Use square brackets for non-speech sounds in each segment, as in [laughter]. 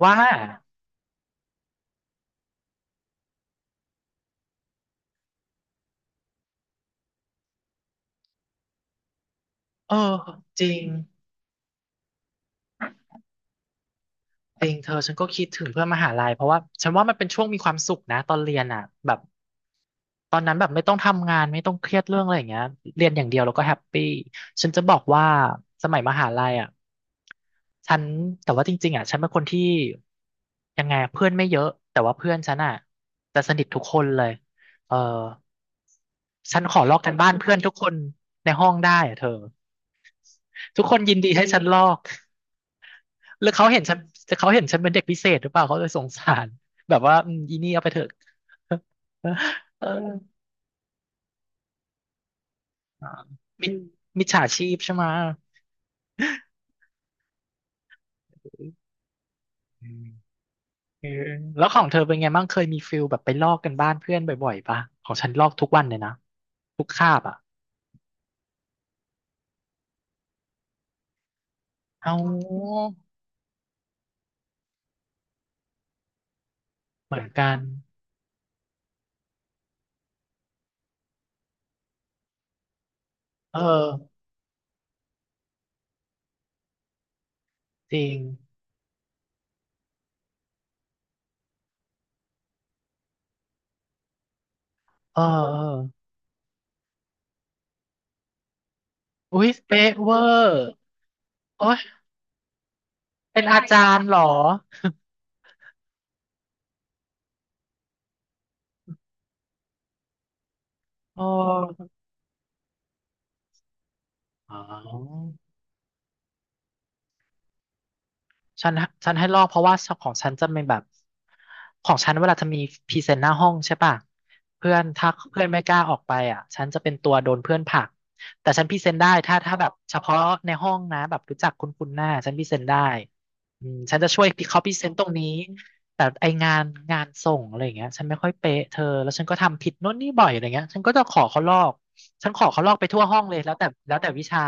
ว่าเออจริงจริงเธอฉันก็คิดถึงเพื่อนมหาลัยเพราะว่าว่ามันเป็นช่วงมีความสุขนะตอนเรียนอ่ะแบบตอนนั้นแบบไม่ต้องทำงานไม่ต้องเครียดเรื่องอะไรอย่างเงี้ยเรียนอย่างเดียวแล้วก็แฮปปี้ฉันจะบอกว่าสมัยมหาลัยอ่ะฉันแต่ว่าจริงๆอ่ะฉันเป็นคนที่ยังไงอะเพื่อนไม่เยอะแต่ว่าเพื่อนฉันอ่ะจะสนิททุกคนเลยเออฉันขอลอกกันบ้านเพื่อนทุกคนในห้องได้อ่ะเธอทุกคนยินดีให้ฉันลอก หรือเขาเห็นฉันเป็นเด็กพิเศษหรือเปล่าเขาเลยสงสารแบบว่าอืมอีนี่เอาไปเถอะ [laughs] เอออ่ามิจมิจฉาชีพใช่ไหมอืมเออแล้วของเธอเป็นไงบ้างเคยมีฟิลแบบไปลอกกันบ้านเพื่อนบ่อยๆปะของฉันลอกทุกวันเลยนะทุกคาบอ่ะเอาเหมือนกันเออจริงเออเอออุ๊ยเป๊ะเวอร์โอ๊ยเป็นอาจารย์เหรออ๋ออ๋อ ฉันฉันให้ลอกเพราะว่าของฉันจะเป็นแบบของฉันเวลาจะมีพรีเซนต์หน้าห้องใช่ป่ะเพื่อนถ้าเพื่อนไม่กล้าออกไปอ่ะฉันจะเป็นตัวโดนเพื่อนผลักแต่ฉันพรีเซนต์ได้ถ้าแบบเฉพาะในห้องนะแบบรู้จักคุ้นคุ้นหน้าฉันพรีเซนต์ได้อืมฉันจะช่วยเขาพรีเซนต์ตรงนี้แต่ไองานส่งอะไรอย่างเงี้ยฉันไม่ค่อยเป๊ะเธอแล้วฉันก็ทำผิดโน่นนี่บ่อยอะไรเงี้ยฉันก็จะขอเขาลอกฉันขอเขาลอกไปทั่วห้องเลยแล้วแต่วิชา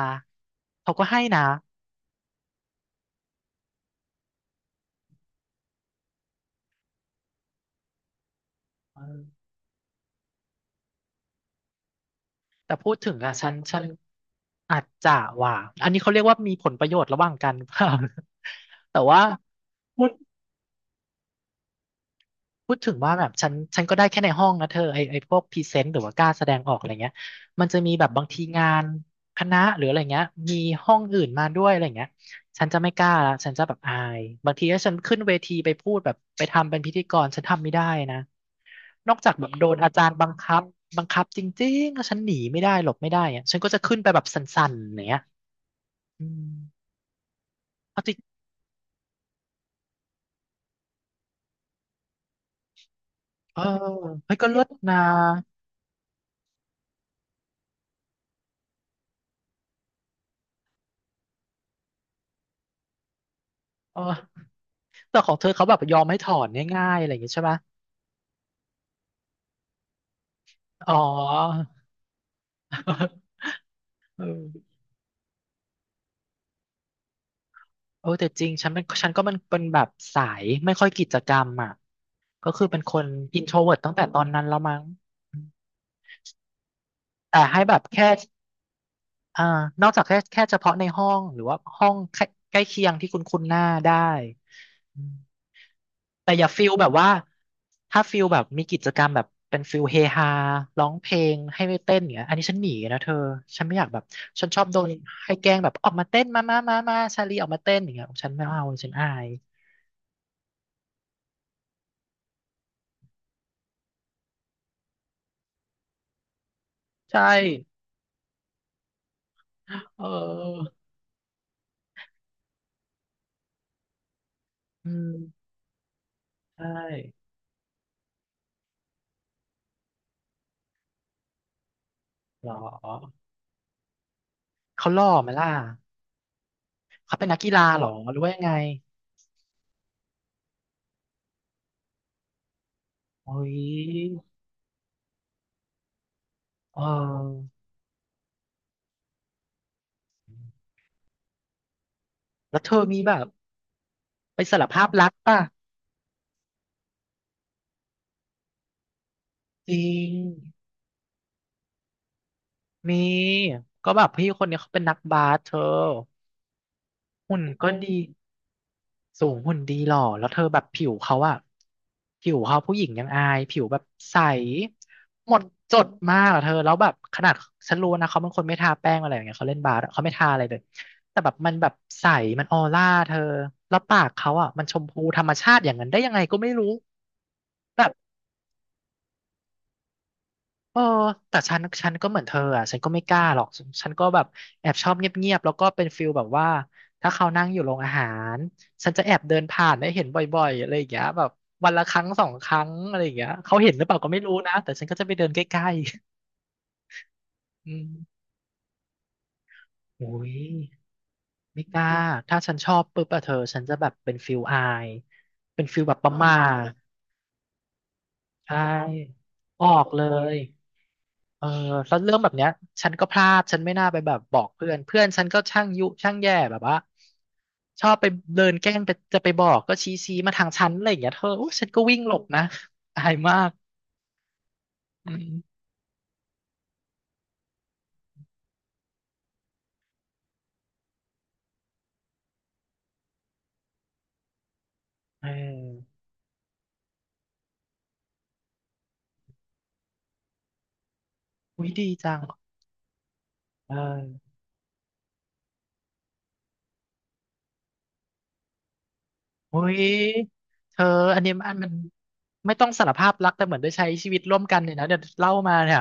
เขาก็ให้นะเออ แต่พูดถึงอะฉันอาจจะว่าอันนี้เขาเรียกว่ามีผลประโยชน์ระหว่างกันเปล่า [laughs] แต่ว่าพูดพูดถึงว่าแบบฉันก็ได้แค่ในห้องนะเธอไอพวกพรีเซนต์หรือว่ากล้าแสดงออกอะไรเงี้ยมันจะมีแบบบางทีงานคณะหรืออะไรเงี้ยมีห้องอื่นมาด้วยอะไรเงี้ยฉันจะไม่กล้าละฉันจะแบบอายมันขึ้นไปพูดแบบไปทำเป็นพิธีกรฉันทำไม่ได้นะนอกจากแบบโดนอาจารย์บังคับบังคับจริงๆแล้วฉันหนีไม่ได้หลบไม่ได้อะฉันก็จะขึ้นไปแบบสั่นๆอย่างเนี้ย อืมเอาจริงเออเฮ้ยก็เลิศนะเออแต่ของเธอเขาแบบยอมให้ถอนง่ายๆอะไรอย่างงี้ใช่ไหมอ๋อ [laughs] เออเออแต่จริงฉันเป็นฉันก็มันเป็นแบบสายไม่ค่อยกิจกรรมอ่ะก็คือเป็นคนอินโทรเวิร์ตตั้งแต่ตอนนั้นแล้วมั้งอืมแต่ให้แบบแค่อ่านอกจากแค่เฉพาะในห้องหรือว่าห้องใกล้ใกล้เคียงที่คุณคุ้นหน้าได้อืม แต่อย่าฟิลแบบว่าถ้าฟิลแบบมีกิจกรรมแบบเป็นฟิลเฮฮาร้องเพลงให้ไปเต้นอย่างเงี้ยอันนี้ฉันหนีนะเธอฉันไม่อยากแบบฉันชอบโดนให้แกล้งแบบออกมาเต้นมาชาลีออกมาเต้นอย่างเงี้ยฉันไม่เอาฉันอายใช่เอออืมใช่หรอเขาหล่อไหมล่ะเขาเป็นนักกีฬาหรอหรือว่ายังไงโอ้ยเออแล้วเธอมีแบบไปสารภาพรักป่ะจริง มีก็แบบพี่คนนี้เขาเป็นนักบาสเธอหุ่นก็ดีสูงหุ่นดีหล่อแล้วเธอแบบผิวเขาอะผิวเขาผู้หญิงยังอายผิวแบบใสหมดจดมากอะเธอแล้วแบบขนาดฉันรู้นะเขาเป็นคนไม่ทาแป้งอะไรอย่างเงี้ยเขาเล่นบาสอะเขาไม่ทาอะไรเลยแต่แบบใสมันออร่าเธอแล้วปากเขาอะมันชมพูธรรมชาติอย่างนั้นได้ยังไงก็ไม่รู้ เออแต่ฉันก็เหมือนเธออ่ะฉันก็ไม่กล้าหรอกฉันก็แบบแอบชอบเงียบๆแล้วก็เป็นฟิลแบบว่าถ้าเขานั่งอยู่โรงอาหารฉันจะแอบเดินผ่านได้เห็นบ่อยๆอะไรอย่างเงี้ยแบบวันละครั้งสองครั้งอะไรอย่างเงี้ยเขาเห็นหรือเปล่าก็ไม่รู้นะแต่ฉันก็จะไปเดินใกล้ๆอืมโอ้ยไม่กล้า ถ้าฉันชอบปุ๊บอะเธอฉันจะแบบเป็นฟิลอายเป็นฟิลแบบประหมาทใช่ออกเลย เออแล้วเรื่องแบบเนี้ยฉันก็พลาดฉันไม่น่าไปแบบบอกเพื่อนเพื่อนฉันก็ช่างยุช่างแย่แบบว่าชอบไปเดินแกล้งไปจะไปบอกก็ชี้มาทางฉันอะไรอย่างเงี้ยเธอโอ้ฉันก็วิ่งหลบนะอายมากอืมเอออุ้ยดีจังเอออุ้ยเธออันนี้อันมันไม่ต้องสารภาพรักแต่เหมือนได้ใช้ชีวิตร่วมกันเนี่ยนะเดี๋ยวเล่ามาเนี่ย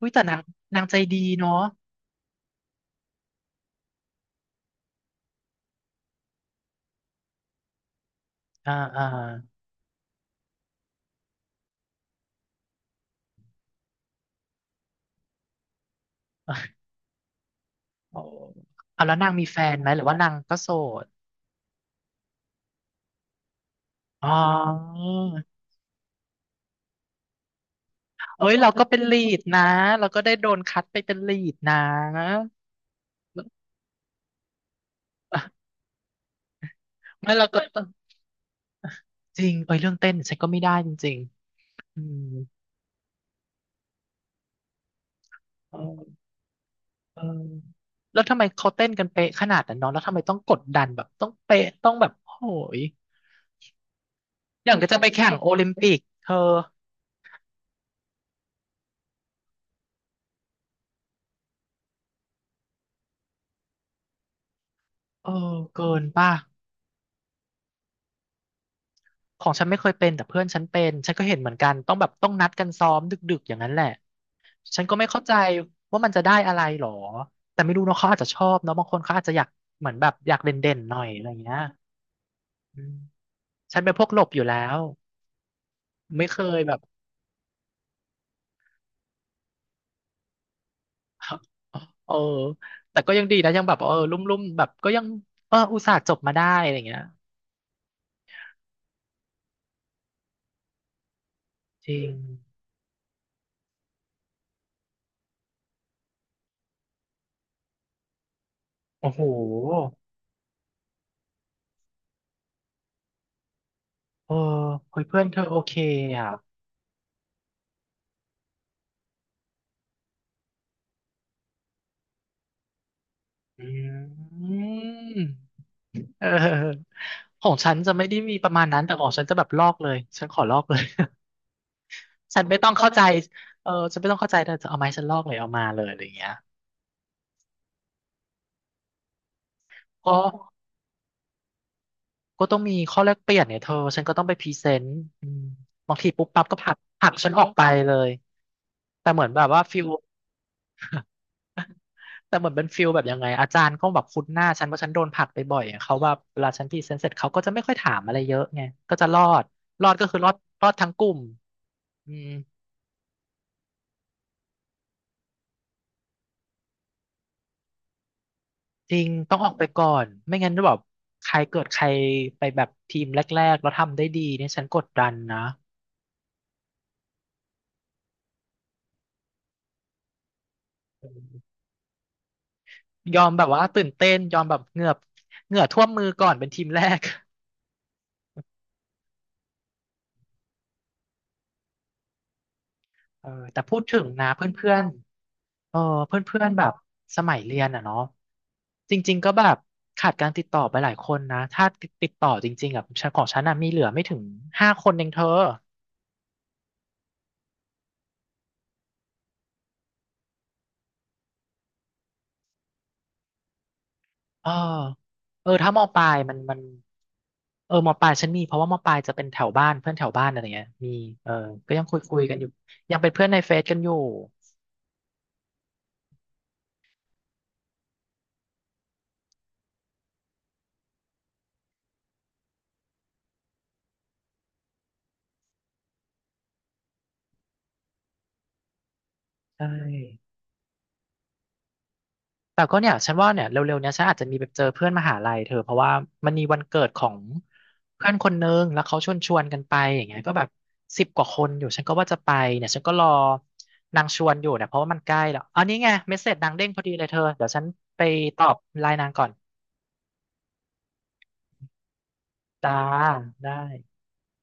อุ้ยแต่นางนางใจดีเนาะอ่าอ่าโอ้เอาแล้วนางมีแฟนไหมหรือว่านางก็โสด อ๋อเอ้ยเราก็เป็นลีดนะเราก็ได้โดนคัดไปเป็นลีดนะไม่เราก็ต้องจริงเอ้ยเรื่องเต้นฉันก็ไม่ได้จริงๆอืมเออเออแล้วทำไมเขาเต้นกันเป๊ะขนาดนั้นเน้องแล้วทำไมต้องกดดันแบบต้องเป๊ะต้องแบบโหยอย่างก็จะไปแข่งโอลิมปิกเธอเออเกินป่ะของฉันไม่เคยเป็นแต่เพื่อนฉันเป็นฉันก็เห็นเหมือนกันต้องแบบต้องนัดกันซ้อมดึกๆอย่างนั้นแหละ ฉันก็ไม่เข้าใจว่ามันจะได้อะไรหรอแต่ไม่รู้เนาะเขาอาจจะชอบเนาะบางคนเขาอาจจะอยากเหมือนแบบอยากเด่นๆหน่อยอะไรอย่างเงี้ยอืมฉันเป็นพวกหลบอยู่แล้วไม่เคยแบบ [laughs] เออแต่ก็ยังดีนะยังแบบเออลุ่มๆแบบก็ยังเอออุตส่าห์จบมาได้อะไรอย่างเงี้ยจริงโอ้โหเออเฮ้ยเพื่อนเธอโอเคอ่ะอืม [laughs] เออของฉันจะไม่ได้มีประมาณนั้นแต่ของฉันจะแบบลอกเลยฉันขอลอกเลย ฉันไม่ต้องเข้าใจเออฉันไม่ต้องเข้าใจเธอจะเอาไม้ฉันลอกเลยเอามาเลยอะไรอย่างเงี้ยก็ก็ต้องมีข้อแลกเปลี่ยนเนี่ยเธอฉันก็ต้องไปพรีเซนต์อืมบางทีปุ๊บปั๊บก็ผลักฉันออกไปเลย แต่เหมือนแบบว่าฟิลแต่เหมือนเป็นฟิลแบบยังไงอาจารย์ก็แบบคุ้นหน้าฉันเพราะฉันโดนผลักไปบ่อยอะเขาแบบเวลาฉันพรีเซนต์เสร็จเขาก็จะไม่ค่อยถามอะไรเยอะไงก็จะรอดรอดก็คือรอดรอดทั้งกลุ่มอืม จริงต้องออกไปก่อนไม่งั้นจะแบบใครเกิดใครไปแบบทีมแรกๆแล้วทำได้ดีเนี่ยฉันกดดันนะยอมแบบว่าตื่นเต้นยอมแบบเหงือบเหงื่อท่วมมือก่อนเป็นทีมแรกเออแต่พูดถึงนะเพื่อนๆเออเพื่อนๆแบบสมัยเรียนอ่ะเนาะจริงๆก็แบบขาดการติดต่อไปหลายคนนะถ้าติดต่อจริงๆอ่ะฉันของฉันน่ะมีเหลือไม่ถึงห้าคนเองเธอ เออเออถ้ามอปลายมันมันเออมอปลายฉันมีเพราะว่ามอปลายจะเป็นแถวบ้านเพื่อนแถวบ้านอะไรเงี้ยมีเออก็ยังคุยกันอยู่ยังเป็นเพื่อนในเฟซกันอยู่ใช่แต่ก็เนี่ยฉันว่าเนี่ยเร็วๆเนี้ยฉันอาจจะมีไปเจอเพื่อนมหาลัยเธอเพราะว่ามันมีวันเกิดของเพื่อนคนนึงแล้วเขาชวนกันไปอย่างเงี้ยก็แบบสิบกว่าคนอยู่ฉันก็ว่าจะไปเนี่ยฉันก็รอนางชวนอยู่เนี่ยเพราะว่ามันใกล้แล้วอันนี้ไงเมสเสจนางเด้งพอดีเลยเธอเดี๋ยวฉันไปตอบไลน์นางก่อนจ้าได้